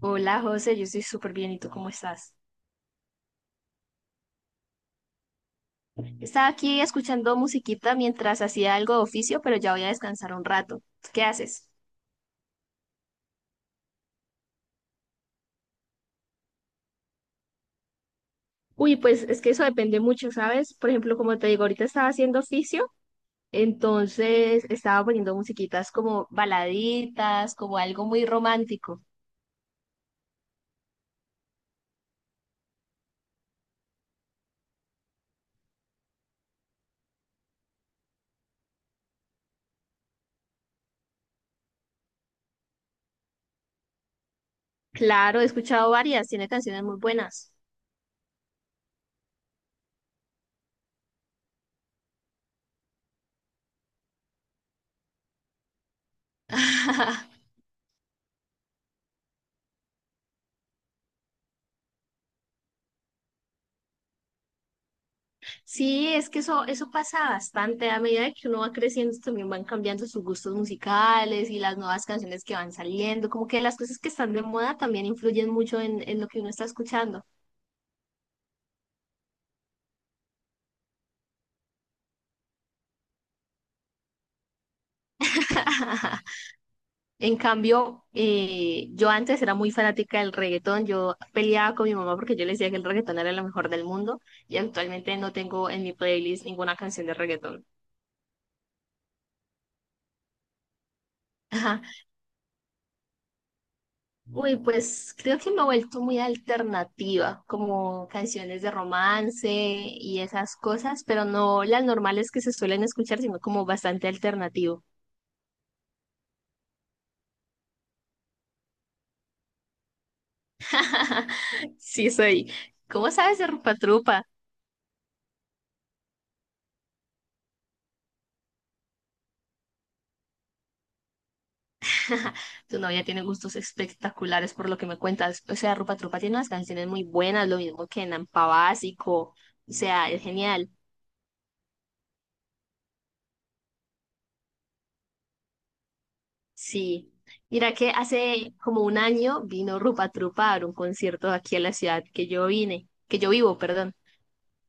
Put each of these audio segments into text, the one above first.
Hola José, yo estoy súper bien. ¿Y tú cómo estás? Estaba aquí escuchando musiquita mientras hacía algo de oficio, pero ya voy a descansar un rato. ¿Qué haces? Uy, pues es que eso depende mucho, ¿sabes? Por ejemplo, como te digo, ahorita estaba haciendo oficio, entonces estaba poniendo musiquitas como baladitas, como algo muy romántico. Claro, he escuchado varias, tiene canciones muy buenas. Sí, es que eso pasa bastante. A medida de que uno va creciendo, también van cambiando sus gustos musicales y las nuevas canciones que van saliendo. Como que las cosas que están de moda también influyen mucho en lo que uno está escuchando. En cambio, yo antes era muy fanática del reggaetón. Yo peleaba con mi mamá porque yo le decía que el reggaetón era lo mejor del mundo y actualmente no tengo en mi playlist ninguna canción de reggaetón. Uy, pues creo que me he vuelto muy alternativa, como canciones de romance y esas cosas, pero no las normales que se suelen escuchar, sino como bastante alternativo. Sí, soy. ¿Cómo sabes de Rupa Trupa? Tu novia tiene gustos espectaculares por lo que me cuentas. O sea, Rupa Trupa tiene unas canciones muy buenas, lo mismo que Nampa Básico. O sea, es genial. Sí, mira que hace como un año vino Rupa Trupa a dar un concierto aquí a la ciudad que yo vivo, perdón,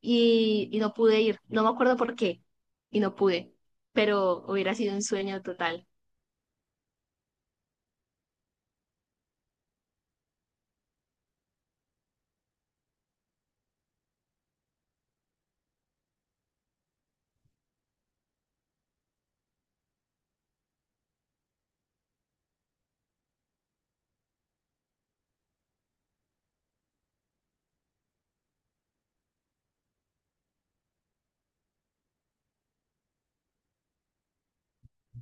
y no pude ir, no me acuerdo por qué, y no pude, pero hubiera sido un sueño total.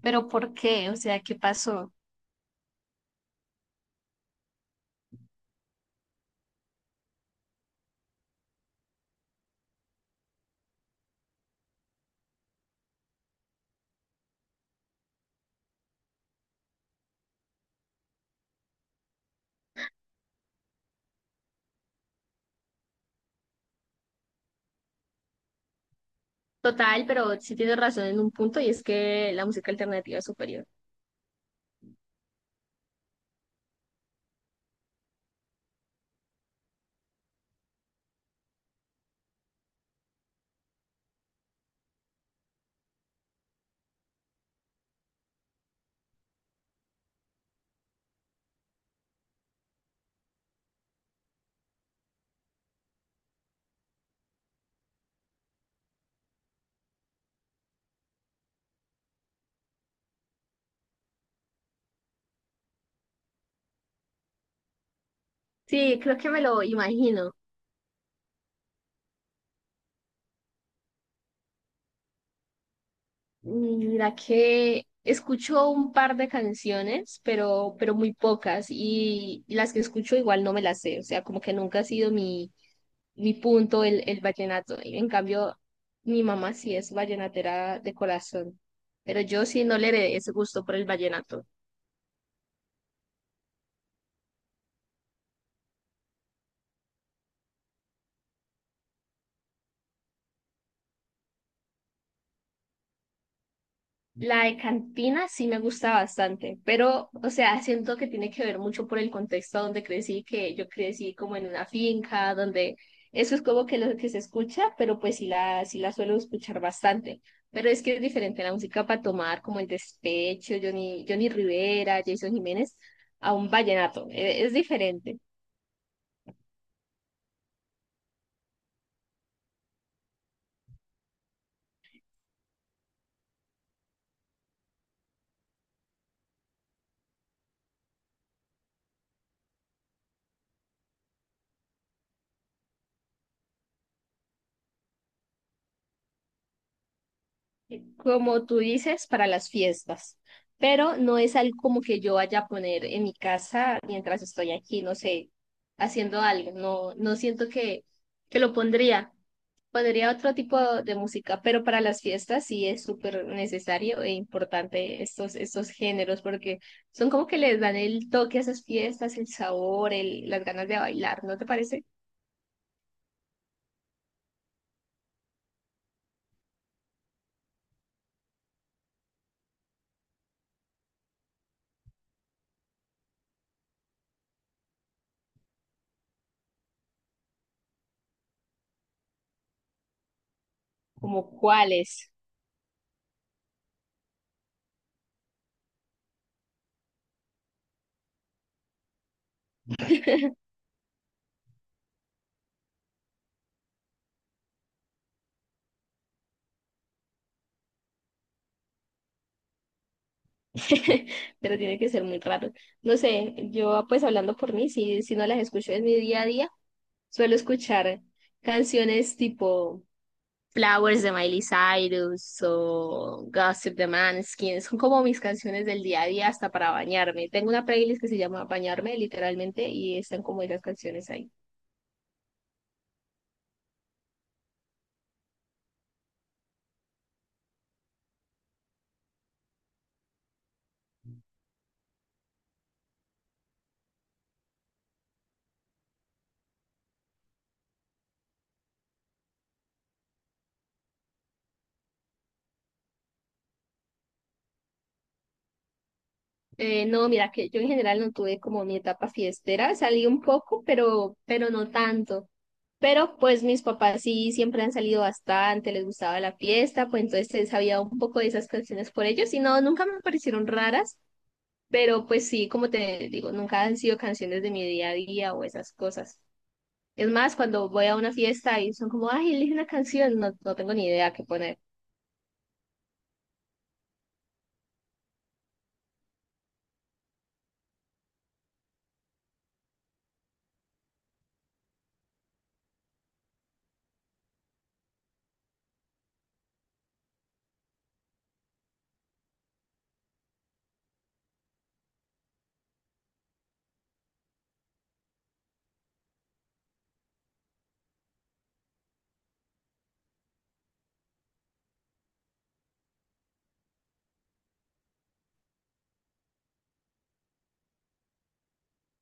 ¿Pero por qué? O sea, ¿qué pasó? Total, pero sí tienes razón en un punto y es que la música alternativa es superior. Sí, creo que me lo imagino. Mm, mira que escucho un par de canciones, pero muy pocas, y las que escucho igual no me las sé, o sea, como que nunca ha sido mi punto el vallenato. Y en cambio, mi mamá sí es vallenatera de corazón, pero yo sí no le heredé ese gusto por el vallenato. La de cantina sí me gusta bastante, pero, o sea, siento que tiene que ver mucho por el contexto donde crecí, que yo crecí como en una finca, donde eso es como que lo que se escucha, pero pues sí la suelo escuchar bastante. Pero es que es diferente la música para tomar, como El Despecho, Johnny Rivera, Jason Jiménez, a un vallenato. Es diferente. Como tú dices, para las fiestas, pero no es algo como que yo vaya a poner en mi casa mientras estoy aquí, no sé, haciendo algo, no, no siento que lo pondría. Pondría otro tipo de música, pero para las fiestas sí es súper necesario e importante estos géneros porque son como que les dan el toque a esas fiestas, el sabor, el, las ganas de bailar, ¿no te parece? ¿Como cuáles? Pero tiene que ser muy raro. No sé, yo pues hablando por mí, si no las escucho en mi día a día, suelo escuchar canciones tipo Flowers de Miley Cyrus o Gossip de Manskin, son como mis canciones del día a día hasta para bañarme. Tengo una playlist que se llama Bañarme literalmente y están como esas canciones ahí. No, mira que yo en general no tuve como mi etapa fiestera, salí un poco, pero no tanto. Pero pues mis papás sí siempre han salido bastante, les gustaba la fiesta, pues entonces se sabía un poco de esas canciones por ellos y no, nunca me parecieron raras, pero pues sí, como te digo, nunca han sido canciones de mi día a día o esas cosas. Es más, cuando voy a una fiesta y son como, ay, elige una canción, no, no tengo ni idea qué poner.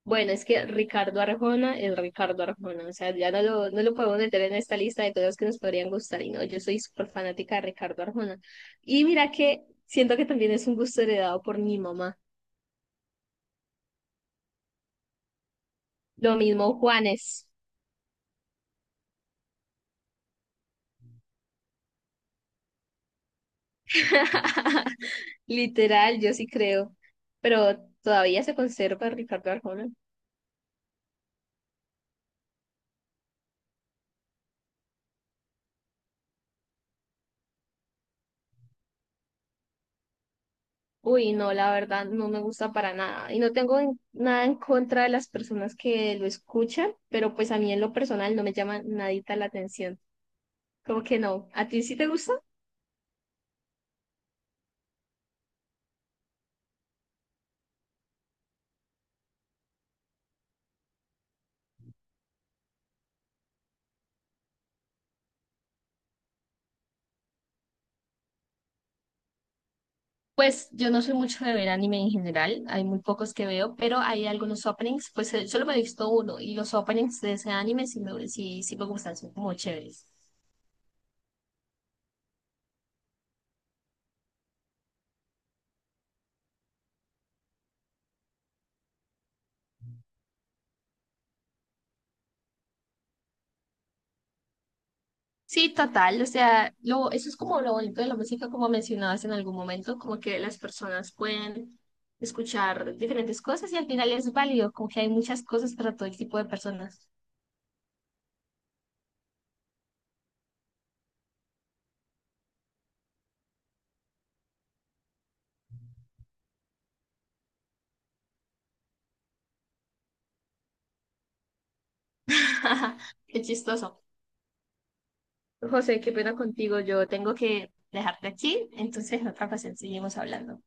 Bueno, es que Ricardo Arjona es Ricardo Arjona, o sea, no lo podemos meter en esta lista de cosas que nos podrían gustar y no, yo soy súper fanática de Ricardo Arjona. Y mira que siento que también es un gusto heredado por mi mamá. Lo mismo Juanes. Literal, yo sí creo, pero todavía se conserva Ricardo Arjona. Uy, no, la verdad no me gusta para nada. Y no tengo nada en contra de las personas que lo escuchan, pero pues a mí en lo personal no me llama nadita la atención. Como que no. ¿A ti sí te gusta? Pues yo no soy mucho de ver anime en general, hay muy pocos que veo, pero hay algunos openings, pues solo me he visto uno y los openings de ese anime sí me, sí me gustan, son como chéveres. Sí, total, o sea, lo, eso es como lo bonito de la música, como mencionabas en algún momento, como que las personas pueden escuchar diferentes cosas y al final es válido, como que hay muchas cosas para todo el tipo de personas. Qué chistoso. José, qué pena contigo, yo tengo que dejarte aquí, entonces en otra ocasión seguimos hablando.